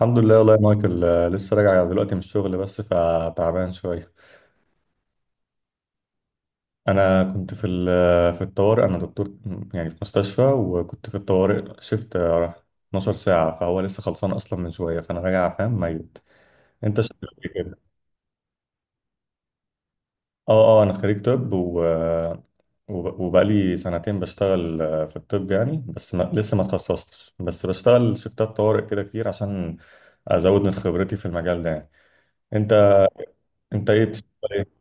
الحمد لله والله يا مايكل، لسه راجع دلوقتي من الشغل بس فتعبان شوية. أنا كنت في الطوارئ. أنا دكتور يعني في مستشفى، وكنت في الطوارئ شفت 12 ساعة، فهو لسه خلصان أصلا من شوية فأنا راجع فاهم ميت. أنت شغال إيه كده؟ أه. أه، أنا خريج طب و وبقالي سنتين بشتغل في الطب يعني، بس ما... لسه ما اتخصصتش، بس بشتغل شفتات طوارئ كده كتير عشان أزود من خبرتي في المجال ده يعني. أنت، أنت إيه بتشتغل إيه؟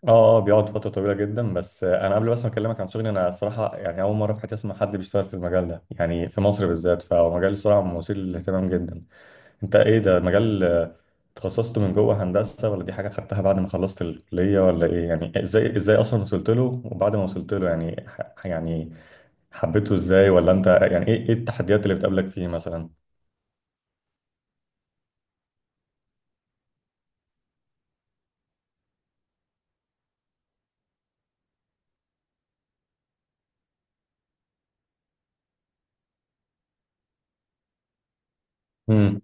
اه. بيقعد فترة طويلة جدا. بس انا قبل بس ما اكلمك عن شغلي، انا صراحة يعني اول مرة في حياتي اسمع حد بيشتغل في المجال ده يعني في مصر بالذات، فهو مجال صراحة مثير للاهتمام جدا. انت، ايه ده مجال، تخصصته من جوه هندسة، ولا دي حاجة خدتها بعد ما خلصت الكلية، ولا ايه؟ يعني ازاي، ازاي اصلا وصلت له؟ وبعد ما وصلت له يعني يعني حبيته ازاي؟ ولا انت يعني ايه، ايه التحديات اللي بتقابلك فيه مثلا؟ امم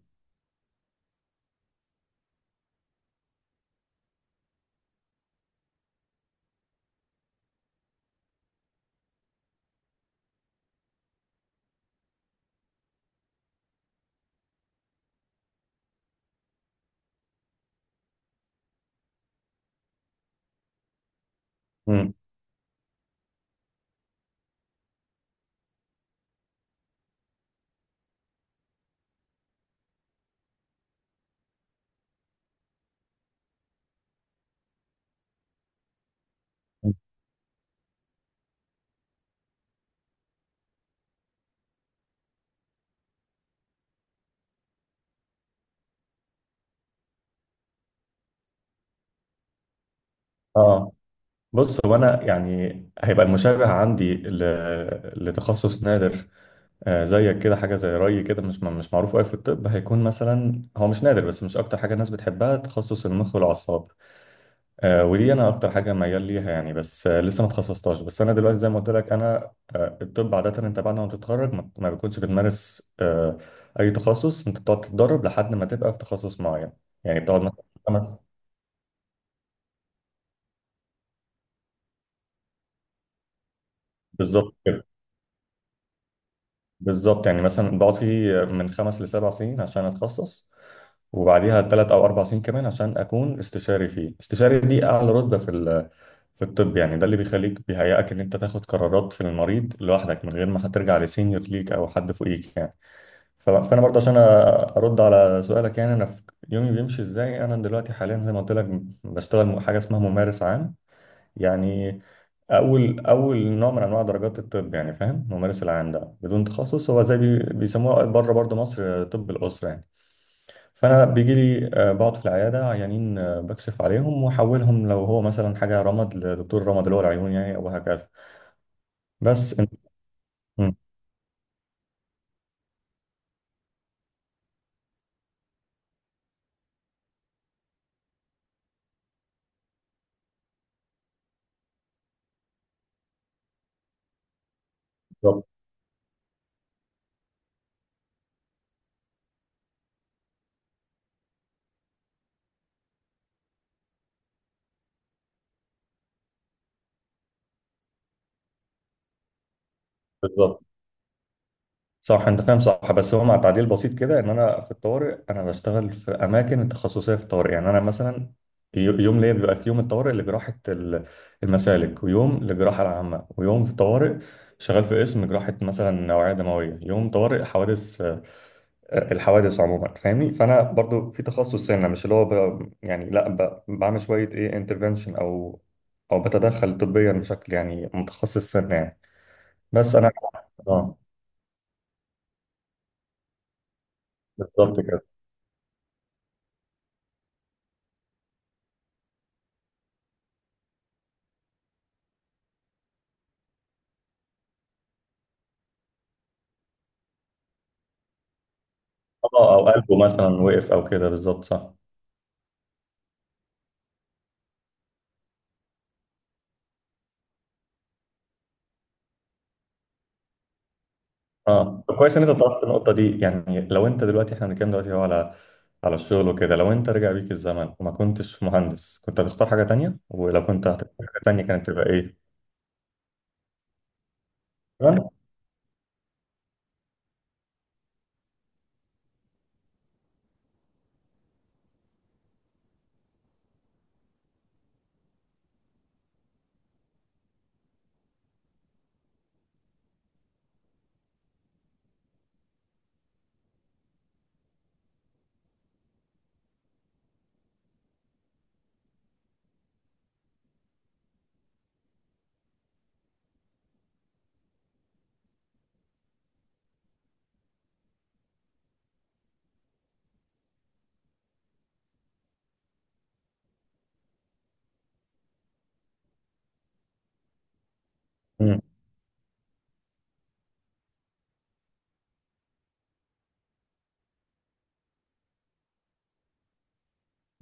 امم اه، بص، هو انا يعني هيبقى المشابه عندي لتخصص نادر. زيك كده، حاجه زي رأي كده، مش معروف قوي في الطب. هيكون مثلا هو مش نادر بس مش اكتر حاجه الناس بتحبها، تخصص المخ والاعصاب. ودي انا اكتر حاجه ميال ليها يعني، بس لسه ما اتخصصتهاش. بس انا دلوقتي زي ما قلت لك، انا الطب عاده انت بعد ما بتتخرج ما بتكونش بتمارس، اي تخصص. انت بتقعد تتدرب لحد ما تبقى في تخصص معين، يعني بتقعد مثلا خمس. بالظبط بالظبط، يعني مثلا بقعد فيه من خمس لسبع سنين عشان اتخصص، وبعديها ثلاث او اربع سنين كمان عشان اكون استشاري فيه. استشاري دي اعلى رتبه في الطب يعني. ده اللي بيخليك بيهيئك ان انت تاخد قرارات في المريض لوحدك من غير ما هترجع لسينيور ليك او حد فوقيك يعني. فانا برضه عشان ارد على سؤالك، يعني انا في يومي بيمشي ازاي، انا دلوقتي حاليا زي ما قلت لك بشتغل حاجه اسمها ممارس عام. يعني اول نوع من انواع درجات الطب يعني. فاهم، الممارس العام ده بدون تخصص، هو زي بيسموه بره برضه مصر طب الاسره يعني. فانا بيجي لي، بقعد في العياده عيانين، بكشف عليهم واحولهم لو هو مثلا حاجه رمد لدكتور رمد اللي هو العيون يعني، او هكذا. بس انت. مم. بالظبط، بالظبط، صح، انت فاهم صح، بس هو مع تعديل بسيط كده، ان انا في الطوارئ انا بشتغل في اماكن التخصصيه في الطوارئ، يعني انا مثلا يوم ليا بيبقى في يوم الطوارئ المسالك، ويوم للجراحه العامه، ويوم في الطوارئ شغال في قسم جراحه مثلا نوعيه دمويه، يوم طوارئ حوادث، الحوادث عموما، فاهمني؟ فانا برضو في تخصص سنه، مش اللي هو ب- يعني لا ب- بعمل شويه ايه انترفنشن، او او بتدخل طبيا بشكل يعني متخصص سنه يعني. بس انا. اه، بالظبط كده. اه، او قلبه مثلا وقف او كده، بالظبط، صح. اه، طب كويس ان انت طرحت النقطه دي، يعني لو انت دلوقتي، احنا بنتكلم دلوقتي هو على على الشغل وكده، لو انت رجع بيك الزمن وما كنتش مهندس كنت هتختار حاجه تانية؟ ولو كنت هتختار حاجه تانية كانت تبقى ايه؟ تمام. مم.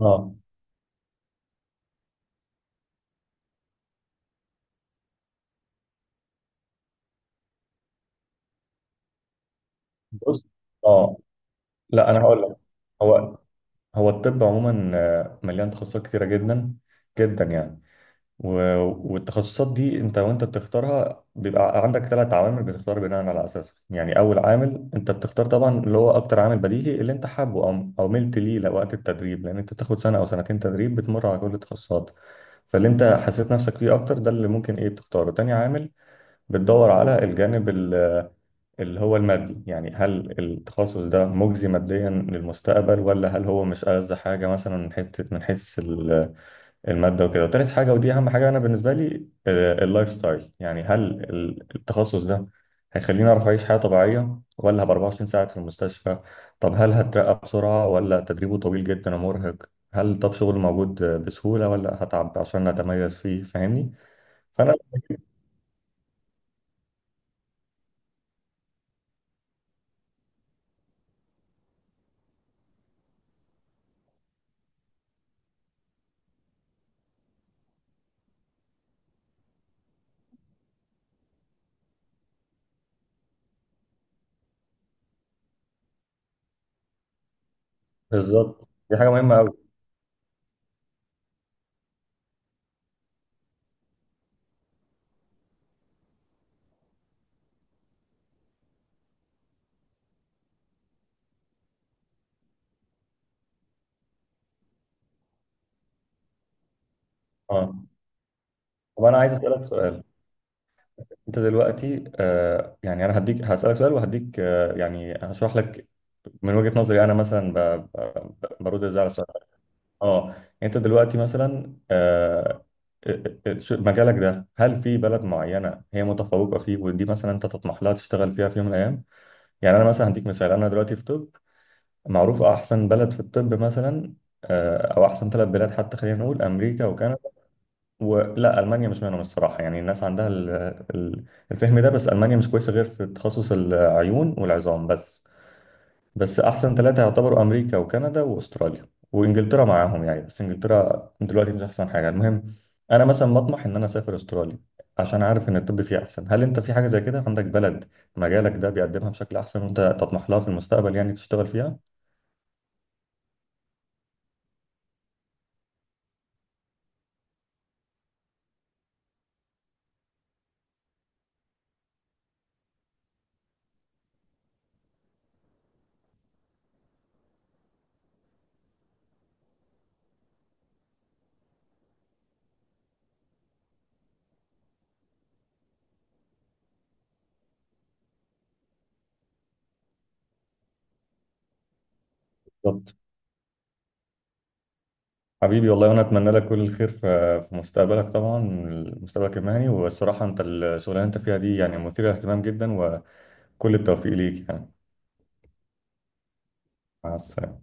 اه، بص، اه، لا انا هقول لك. هو هو الطب عموما مليان تخصصات كتيره جدا جدا يعني. والتخصصات دي انت وانت بتختارها بيبقى عندك ثلاث عوامل بتختار بناء على اساسها يعني. اول عامل انت بتختار طبعا اللي هو اكتر عامل بديهي، اللي انت حابه او او ملت ليه لوقت التدريب، لان انت بتاخد سنه او سنتين تدريب بتمر على كل التخصصات، فاللي انت حسيت نفسك فيه اكتر ده اللي ممكن ايه بتختاره. تاني عامل، بتدور على اللي هو المادي، يعني هل التخصص ده مجزي ماديا للمستقبل، ولا هل هو مش ألذ حاجه مثلا من حيث، من حيث المادة وكده. وتالت حاجة، ودي أهم حاجة أنا بالنسبة لي، اللايف ستايل. يعني هل التخصص ده هيخليني أعرف أعيش حياة طبيعية، ولا هبقى 24 ساعة في المستشفى؟ طب هل هترقى بسرعة، ولا تدريبه طويل جدا ومرهق؟ هل طب شغل موجود بسهولة، ولا هتعب عشان أتميز فيه؟ فاهمني؟ فأنا. بالظبط، دي حاجة مهمة أوي. أه، طب أنا عايز أسألك سؤال. أنت دلوقتي يعني، أنا هديك هسألك سؤال وهديك، يعني هشرح لك من وجهة نظري أنا، مثلا برد إزاي على السؤال. اه، انت دلوقتي مثلا، مجالك ده هل في بلد معينه هي متفوقه فيه، ودي مثلا انت تطمح لها تشتغل فيها في يوم من الايام؟ يعني انا مثلا هديك مثال، انا دلوقتي في طب، معروف احسن بلد في الطب مثلا او احسن ثلاث بلاد حتى، خلينا نقول امريكا وكندا. ولا المانيا مش منهم الصراحه، يعني الناس عندها ال- الفهم ده، بس المانيا مش كويسه غير في تخصص العيون والعظام بس. بس احسن ثلاثة يعتبروا امريكا وكندا واستراليا، وانجلترا معاهم يعني، بس انجلترا دلوقتي مش احسن حاجة. المهم، انا مثلا بطمح ان انا اسافر استراليا عشان عارف ان الطب فيها احسن. هل انت في حاجة زي كده، عندك بلد مجالك ده بيقدمها بشكل احسن، وانت تطمح لها في المستقبل يعني تشتغل فيها؟ بالظبط. حبيبي والله، وانا اتمنى لك كل الخير في في مستقبلك طبعا، مستقبلك المهني. والصراحة انت الشغلانة اللي انت فيها دي يعني مثيرة للاهتمام جدا، وكل التوفيق ليك يعني. مع السلامة.